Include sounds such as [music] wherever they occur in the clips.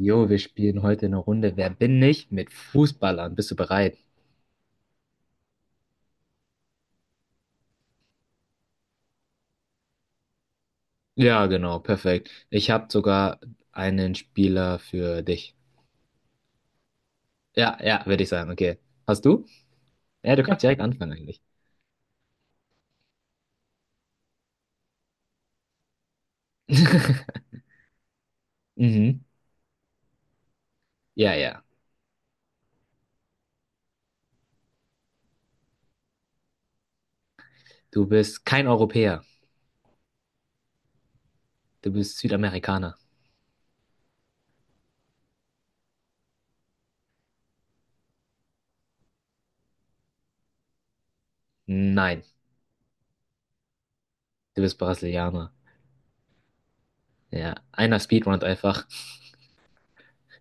Jo, wir spielen heute eine Runde Wer bin ich mit Fußballern. Bist du bereit? Ja, genau, perfekt. Ich habe sogar einen Spieler für dich. Ja, ja, würde ich sagen. Okay. Hast du? Ja, du kannst Ja, direkt anfangen eigentlich. [laughs] Mhm. Ja, ja. Du bist kein Europäer. Du bist Südamerikaner. Nein, du bist Brasilianer. Ja, einer speedrunnt einfach.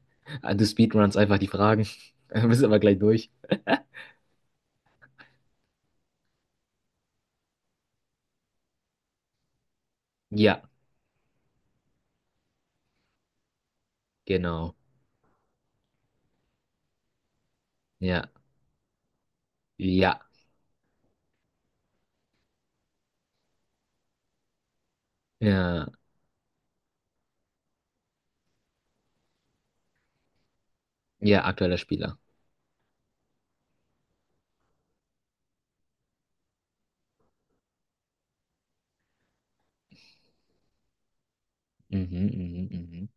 [laughs] Du speedrunnst einfach die Fragen. [laughs] Du bist aber gleich durch. Ja, genau. Ja, ja, ja, ja, aktueller Spieler. Mhm, mhm, mhm.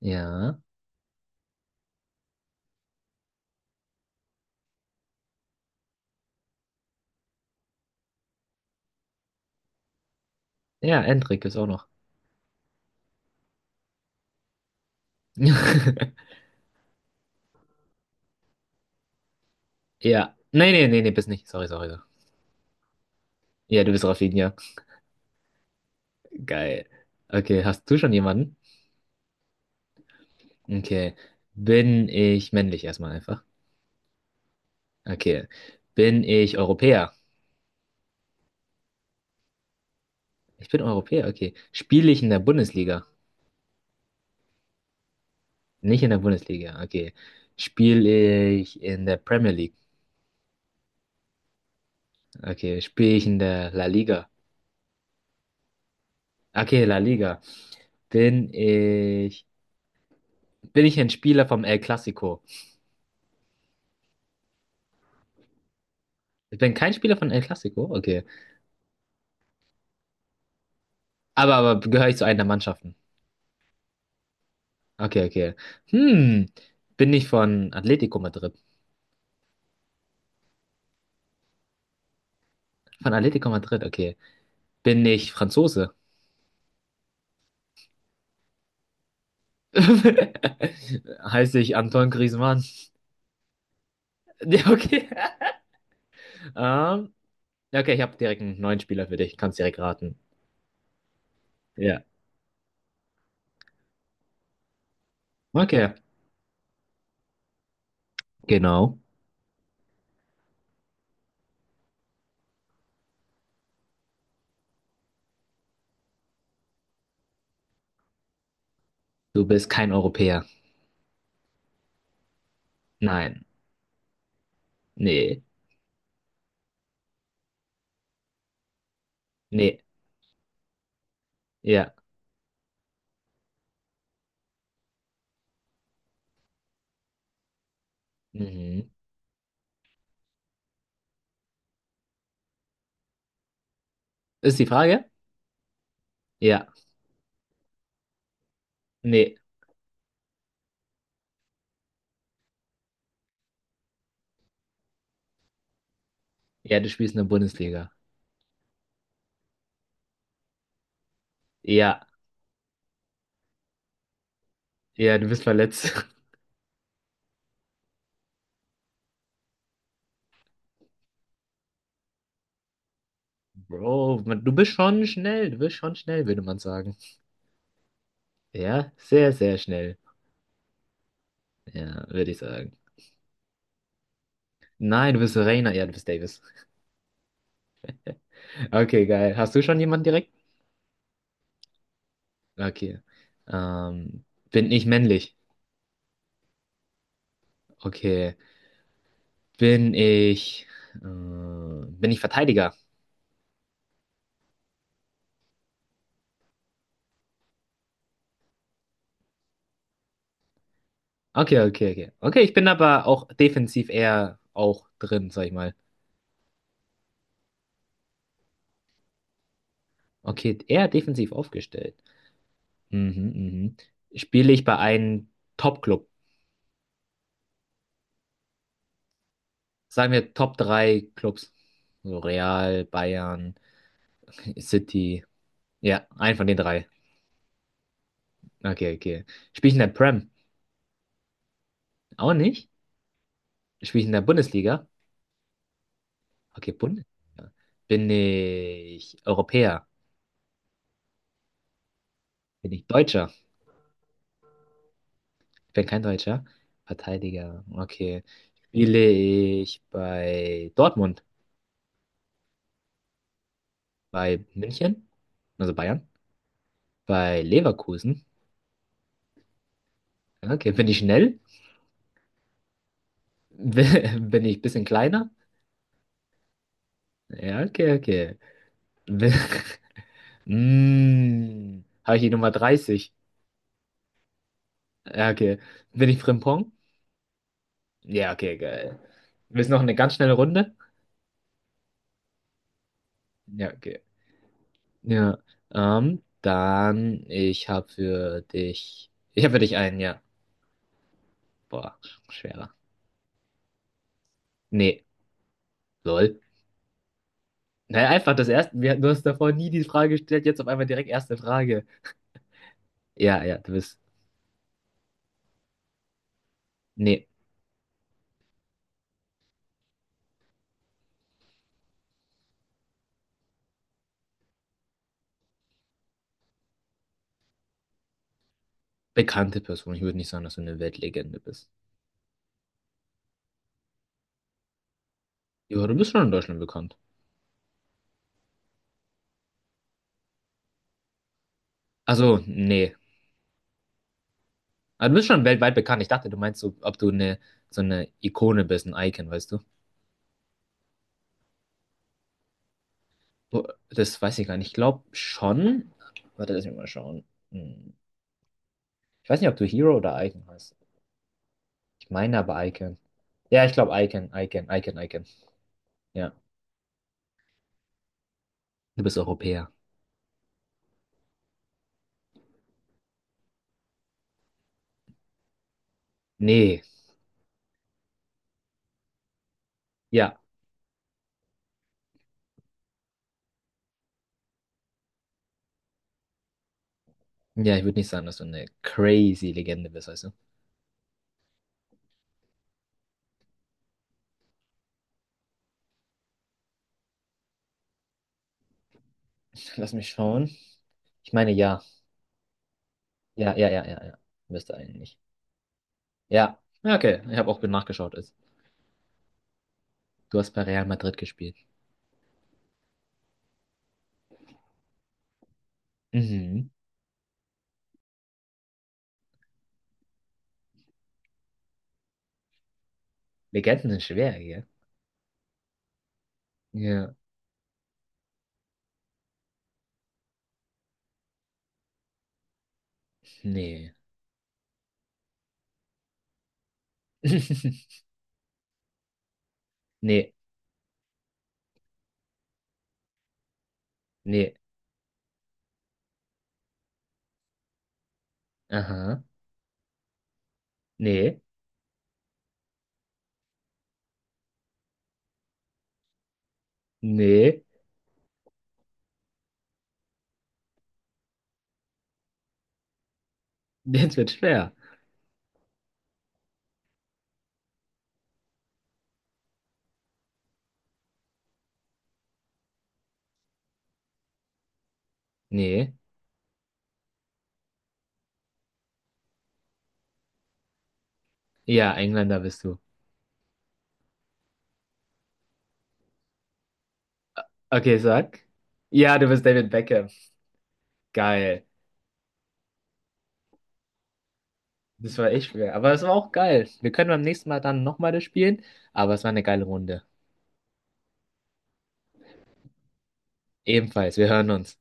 Ja. Ja, Endrik ist auch noch. [laughs] Ja. Nee, nee, nee, nee, bist nicht. Sorry, sorry, sorry. Ja, du bist Rafinha. Geil. Okay, hast du schon jemanden? Okay. Bin ich männlich erstmal einfach? Okay. Bin ich Europäer? Ich bin Europäer, okay. Spiele ich in der Bundesliga? Nicht in der Bundesliga, okay. Spiele ich in der Premier League? Okay. Spiele ich in der La Liga? Okay, La Liga. Bin ich. Bin ich ein Spieler vom El Clasico? Ich bin kein Spieler von El Clasico? Okay. Aber gehöre ich zu einer der Mannschaften? Okay, okay. Hm. Bin ich von Atlético Madrid? Von Atlético Madrid, okay. Bin ich Franzose? [laughs] Heiße ich Antoine Griezmann? [laughs] Ja, okay. Ähm, ja, okay, ich habe direkt einen neuen Spieler für dich. Kannst direkt raten. Ja. Okay. Genau. Du bist kein Europäer. Nein. Nee. Nee. Ja. Mhm. Ist die Frage? Ja. Nee. Ja, du spielst in der Bundesliga. Ja. Ja, du bist verletzt. [laughs] Bro, man, du bist schon schnell. Du bist schon schnell, würde man sagen. Ja, sehr, sehr schnell. Ja, würde ich sagen. Nein, du bist Rainer. Ja, du bist Davis. [laughs] Okay, geil. Hast du schon jemanden direkt? Okay. Ähm, bin ich männlich? Okay. Bin ich. Bin ich Verteidiger? Okay, okay, okay. Okay, ich bin aber auch defensiv eher auch drin, sag ich mal. Okay, eher defensiv aufgestellt. Mhm, mhm. Spiele ich bei einem Top-Club? Sagen wir Top 3 Clubs. So Real, Bayern, City. Ja, einen von den drei. Okay, okay. Spiele ich in der Prem? Auch nicht. Spiele ich in der Bundesliga? Okay, Bundesliga. Bin ich Europäer? Bin ich Deutscher? Ich bin kein Deutscher. Verteidiger. Okay. Spiele ich bei Dortmund? Bei München? Also Bayern? Bei Leverkusen? Okay, bin ich schnell? [laughs] Bin ich ein bisschen kleiner? Ja, okay, okay. Bin, [laughs] Mm, habe ich die Nummer 30? Ja, okay. Bin ich Frimpong? Ja, okay, geil. Willst du noch eine ganz schnelle Runde? Ja, okay. Ja. Ich habe für dich. Ich habe für dich einen, ja. Boah, schwerer. Nee, lol. Naja, einfach das erste. Du hast davor nie die Frage gestellt, jetzt auf einmal direkt erste Frage. Ja, du bist. Nee, bekannte Person. Ich würde nicht sagen, dass du eine Weltlegende bist. Ja, du bist schon in Deutschland bekannt. Also, nee. Aber du bist schon weltweit bekannt. Ich dachte, du meinst so, ob so eine Ikone bist, ein Icon, weißt du? Oh, das weiß ich gar nicht. Ich glaube schon. Warte, lass mich mal schauen. Hm. Ich weiß nicht, ob du Hero oder Icon heißt. Ich meine aber Icon. Ja, ich glaube Icon, Icon, Icon, Icon. Ja. Du bist Europäer. Nee. Ja. Ja, ich würde nicht sagen, dass du eine crazy Legende bist, weißt du? Lass mich schauen. Ich meine, ja. Ja. Bist du eigentlich. Ja. Ja, okay. Ich habe auch nachgeschaut. Ist. Du hast bei Real Madrid gespielt. Mhm. Legenden sind schwer, gell? Ja. Nee. [laughs] Nee. Nee. Aha. Nee. Nee. Jetzt wird schwer. Nee. Ja, Engländer bist du. Okay, sag. Ja, du bist David Beckham. Geil. Das war echt schwer. Aber es war auch geil. Wir können beim nächsten Mal dann nochmal das spielen. Aber es war eine geile Runde. Ebenfalls. Wir hören uns.